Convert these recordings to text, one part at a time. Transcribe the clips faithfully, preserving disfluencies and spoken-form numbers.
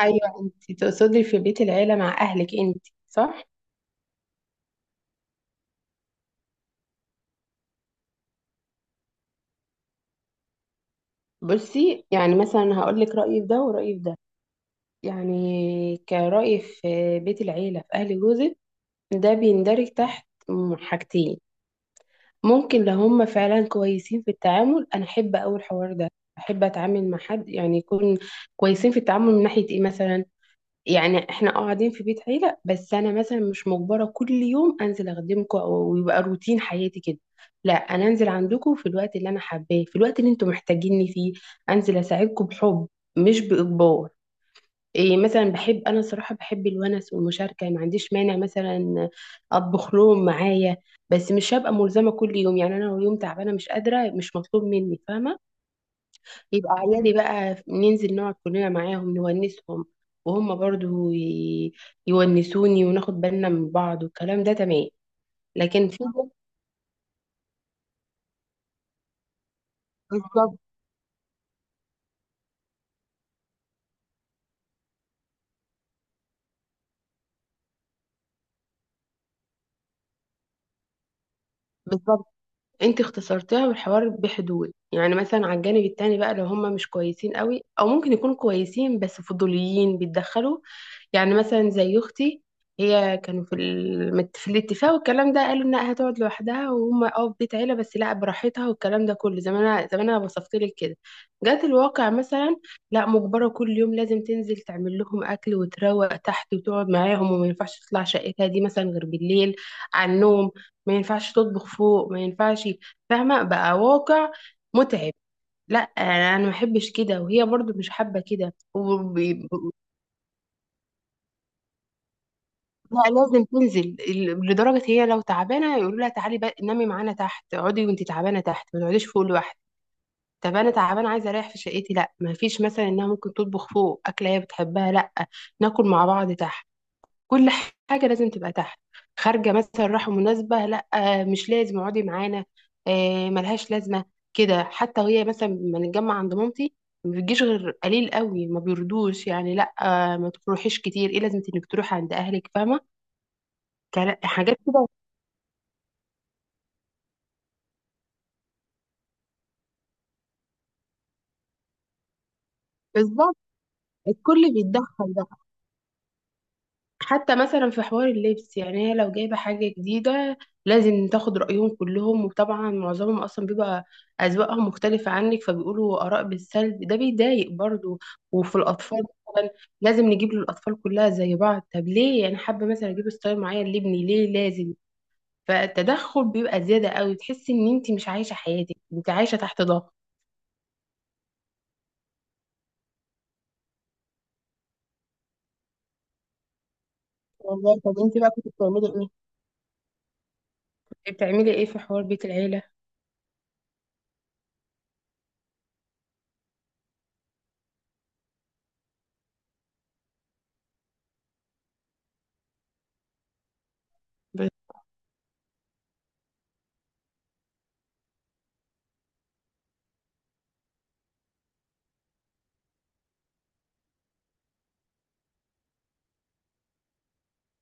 ايوه، انت تقصدي في بيت العيله مع اهلك انت؟ صح. بصي، يعني مثلا هقول لك رايي في ده ورايي في ده. يعني كرايي في بيت العيله في اهل جوزك، ده بيندرج تحت م- حاجتين. ممكن لو هم فعلا كويسين في التعامل، انا احب اول الحوار ده. احب اتعامل مع حد يعني يكون كويسين في التعامل، من ناحيه ايه مثلا؟ يعني احنا اه قاعدين في بيت عيلة، بس انا مثلا مش مجبرة كل يوم انزل اخدمكم او ويبقى روتين حياتي كده. لا، انا انزل عندكم في الوقت اللي انا حباه، في الوقت اللي انتم محتاجيني فيه. انزل اساعدكم بحب، مش باجبار. إيه مثلا بحب؟ انا صراحة بحب الونس والمشاركة، ما عنديش مانع مثلا اطبخ لهم معايا. بس مش هبقى ملزمة كل يوم، يعني انا لو يوم تعبانة مش قادرة، مش مطلوب مني، فاهمة؟ يبقى عيالي بقى ننزل نقعد كلنا معاهم نونسهم، وهم برضو ي- يونسوني، وناخد بالنا من بعض، والكلام ده تمام. لكن في. بالظبط. بالظبط، انت اختصرتها، والحوار بحدود، يعني مثلا على الجانب التاني بقى لو هم مش كويسين قوي، او ممكن يكونوا كويسين بس فضوليين بيتدخلوا. يعني مثلا زي اختي، هي كانوا في ال- في الاتفاق والكلام ده، قالوا انها هتقعد لوحدها وهم اه في بيت عيله، بس لا براحتها والكلام ده كله زي ما انا زي ما انا وصفت لك كده. جات الواقع مثلا، لا، مجبره كل يوم لازم تنزل تعمل لهم اكل وتروق تحت وتقعد معاهم، وما ينفعش تطلع شقتها دي مثلا غير بالليل، على النوم. ما ينفعش تطبخ فوق، ما ينفعش. فاهمه بقى؟ واقع متعب. لا، انا أنا ما بحبش كده، وهي برضو مش حابه كده. لا، لازم تنزل ال- لدرجة هي لو تعبانة يقولوا لها تعالي بقى نامي معانا تحت، اقعدي وانتي تعبانة تحت، ما تقعديش فوق لوحدك. طب انا تعبانة عايزة اريح في شقتي، لا، ما فيش مثلا انها ممكن تطبخ فوق اكلة هي بتحبها، لا، ناكل مع بعض تحت، كل حاجة لازم تبقى تحت. خارجة مثلا رايحة مناسبة، لا، مش لازم اقعدي معانا، آه، ملهاش لازمة. كده حتى، وهي مثلا لما نتجمع عند مامتي ما بتجيش غير قليل قوي، ما بيردوش يعني، لا، آه، ما تروحيش كتير، ايه لازمة انك تروحي عند اهلك، فاهمة؟ كلا- حاجات كده. بالظبط، الكل بيتدخل بقى. حتى مثلا في حوار اللبس، يعني هي لو جايبه حاجه جديده لازم تاخد رايهم كلهم، وطبعا معظمهم اصلا بيبقى اذواقهم مختلفه عنك فبيقولوا اراء بالسلب، ده بيضايق برضو. وفي الاطفال مثلا، لازم نجيب للاطفال كلها زي بعض، طب ليه؟ انا حابه مثلا اجيب ستايل معين لابني، ليه لازم؟ فالتدخل بيبقى زياده قوي، تحسي ان انت مش عايشه حياتك، انت عايشه تحت ضغط. والله طب انت بقى كنت بتعملي ايه؟ بتعملي ايه في حوار بيت العيله؟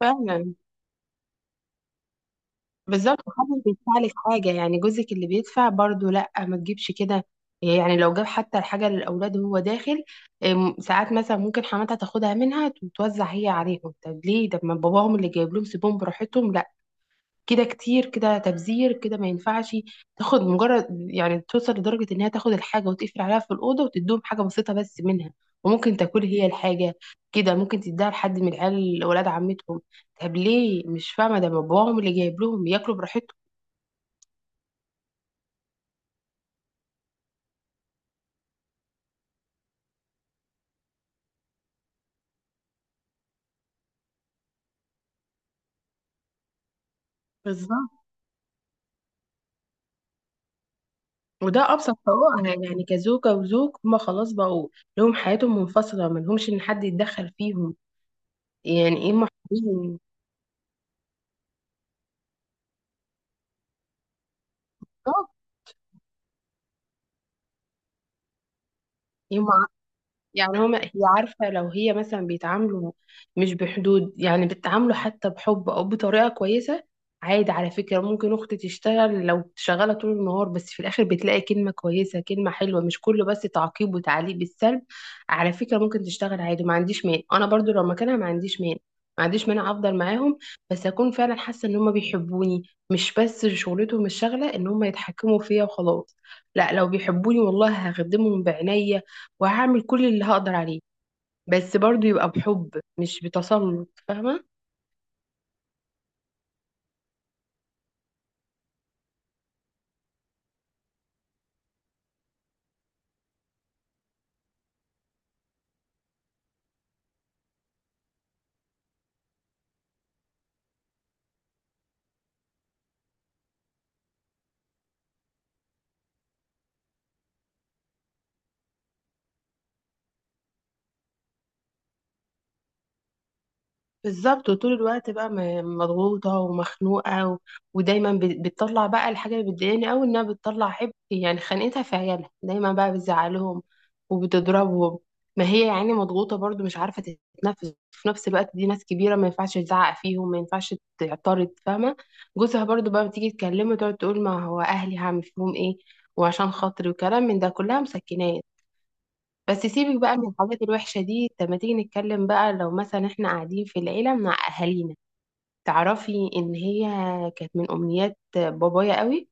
فعلا. بالظبط، محدش بيدفع لك حاجة، يعني جوزك اللي بيدفع برضو، لا ما تجيبش كده. يعني لو جاب حتى الحاجة للأولاد وهو داخل، أم، ساعات مثلا ممكن حماتها تاخدها منها وتوزع هي عليهم، طب ليه؟ طب ما باباهم اللي جايب لهم سيبهم براحتهم، لا، كده كتير، كده تبذير، كده ما ينفعش. تاخد مجرد، يعني توصل لدرجة انها تاخد الحاجة وتقفل عليها في الأوضة وتدوهم حاجة بسيطة بس منها، وممكن تاكل هي الحاجة. كده ممكن تديها لحد من العيال ولاد عمتهم، طب ليه؟ مش فاهمة، ده باباهم اللي جايب لهم، ياكلوا براحتهم. بالظبط، وده أبسط حقوقها، يعني كزوجة وزوج هما خلاص بقوا لهم حياتهم منفصلة، ما لهمش إن حد يتدخل فيهم، يعني إيه؟ محبين. يعني هما هي، عارفة لو هي مثلا بيتعاملوا مش بحدود، يعني بيتعاملوا حتى بحب أو بطريقة كويسة. عادي، على فكرة ممكن أختي تشتغل لو شغالة طول النهار، بس في الآخر بتلاقي كلمة كويسة كلمة حلوة، مش كله بس تعقيب وتعليق بالسلب. على فكرة ممكن تشتغل عادي، ما عنديش مانع، أنا برضو لو مكانها ما عنديش مانع، ما عنديش مانع أفضل معاهم. بس أكون فعلا حاسة إن هما بيحبوني، مش بس شغلتهم الشغلة إن هما يتحكموا فيا وخلاص. لا، لو بيحبوني والله هخدمهم بعناية وهعمل كل اللي هقدر عليه، بس برضو يبقى بحب مش بتسلط، فاهمة؟ بالظبط، وطول الوقت بقى م- مضغوطة ومخنوقة، و... ودايما ب- بتطلع بقى الحاجة اللي بتضايقني أوي إنها بتطلع حب، يعني خانقتها في عيالها، دايما بقى بتزعلهم وبتضربهم. ما هي يعني مضغوطة برضو مش عارفة تتنفس، في نفس الوقت دي ناس كبيرة، ما ينفعش تزعق فيهم، ما ينفعش تعترض، فاهمة؟ جوزها برضو بقى بتيجي تكلمه، تقعد تقول ما هو أهلي هعمل فيهم إيه، وعشان خاطري، وكلام من ده، كلها مسكناه. بس سيبك بقى من الحاجات الوحشة دي، طب ما تيجي نتكلم بقى لو مثلا احنا قاعدين في العيلة مع أهالينا. تعرفي إن هي كانت من أمنيات بابايا قوي،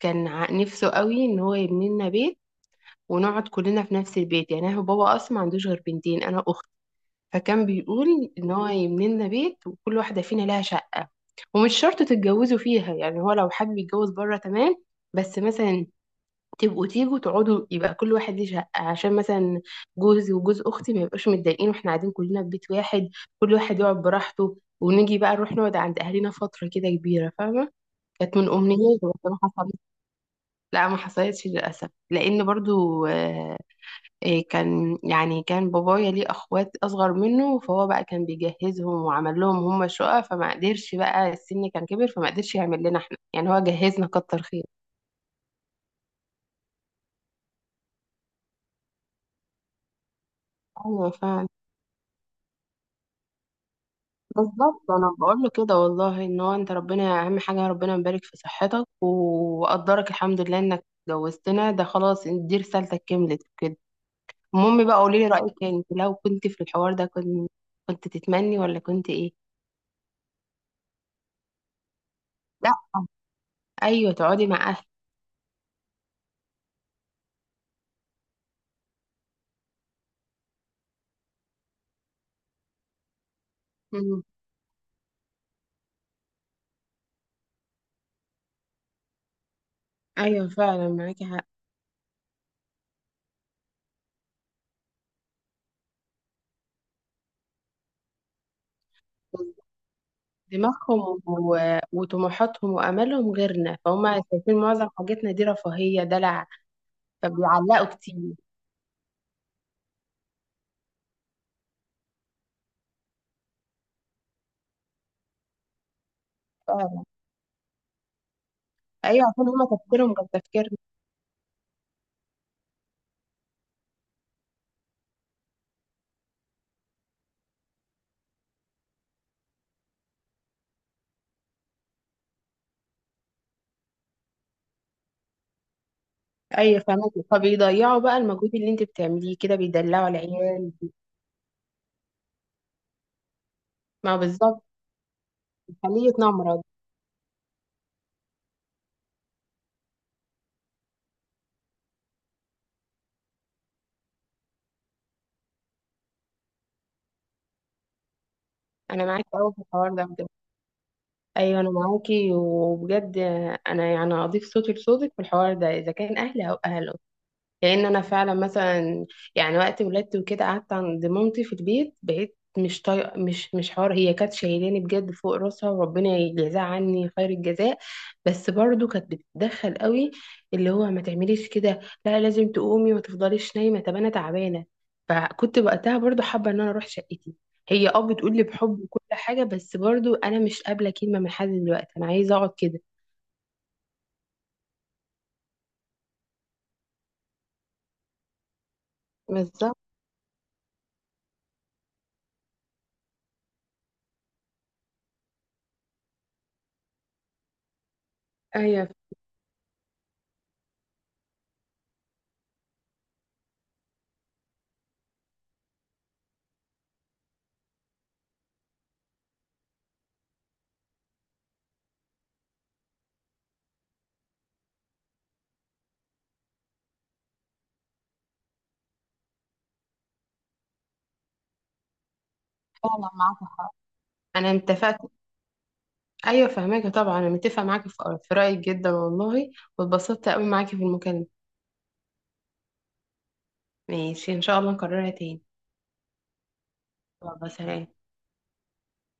كان ع- نفسه قوي إن هو يبني لنا بيت، ونقعد كلنا في نفس البيت. يعني هو بابا أصلا ما عندوش غير بنتين، أنا أخت، فكان بيقول إن هو يبني لنا بيت وكل واحدة فينا لها شقة. ومش شرط تتجوزوا فيها، يعني هو لو حابب يتجوز بره تمام. بس مثلا تبقوا تيجوا تقعدوا، يبقى كل واحد ليه شقة، عشان مثلا جوزي وجوز أختي ما يبقاش متضايقين واحنا قاعدين كلنا في بيت واحد. كل واحد يقعد براحته، ونيجي بقى نروح نقعد عند أهلنا فترة كده كبيرة، فاهمة؟ كانت من أمنياتي، بس ما حصلتش. لا، ما حصلتش للأسف، لأن برضو آه، إيه، كان يعني كان بابايا ليه أخوات أصغر منه، فهو بقى كان بيجهزهم وعمل لهم هم شقة، فما قدرش بقى، السن كان كبر فما قدرش يعمل لنا احنا، يعني هو جهزنا كتر خير. أيوة، فعلا. بالظبط، انا بقول له كده والله، ان هو انت ربنا اهم حاجه، ربنا يبارك في صحتك وقدرك، الحمد لله انك اتجوزتنا، ده خلاص دي رسالتك، كملت كده. المهم بقى، قولي لي رايك يعني، انت لو كنت في الحوار ده كنت كنت تتمني ولا كنت ايه؟ لا، ايوه، تقعدي مع اهلك. مم. ايوه فعلا معاكي حق. دماغهم و... وطموحاتهم وامالهم غيرنا، فهم شايفين معظم حاجتنا دي رفاهيه دلع. فبيعلقوا كتير. فعلا. ايوه، عشان هما تفكيرهم غير تفكيرنا. ايوه فاهمك، فبيضيعوا بقى المجهود اللي انت بتعمليه كده، بيدلعوا العيال. ما هو بالظبط. بيخليه يتنمرض. انا معاكي قوي في الحوار ده بجد. ايوه انا معاكي وبجد. انا يعني اضيف صوتي لصوتك في الحوار ده، اذا كان اهل او اهله. لان انا فعلا مثلا، يعني وقت ولادتي وكده قعدت عند مامتي في البيت، بقيت مش طايقه، مش مش حوار، هي كانت شايلاني بجد فوق راسها وربنا يجزاها عني خير الجزاء. بس برضو كانت بتتدخل قوي. اللي هو ما تعمليش كده، لا لازم تقومي، ما تفضليش نايمه، طب انا تعبانه. فكنت وقتها برضو حابه ان انا اروح شقتي. هي اه بتقول لي بحب وكل حاجه، بس برضو انا مش قابله كلمه من حد دلوقتي، انا عايزه اقعد كده. بالظبط. ايوه فعلا معاك حق. انا اتفقت. ايوه فهماكي، طبعا انا متفقه معاكي في في رايك جدا والله. واتبسطت قوي معاكي في المكالمه. ماشي، ان شاء الله نكررها تاني. يلا سلام.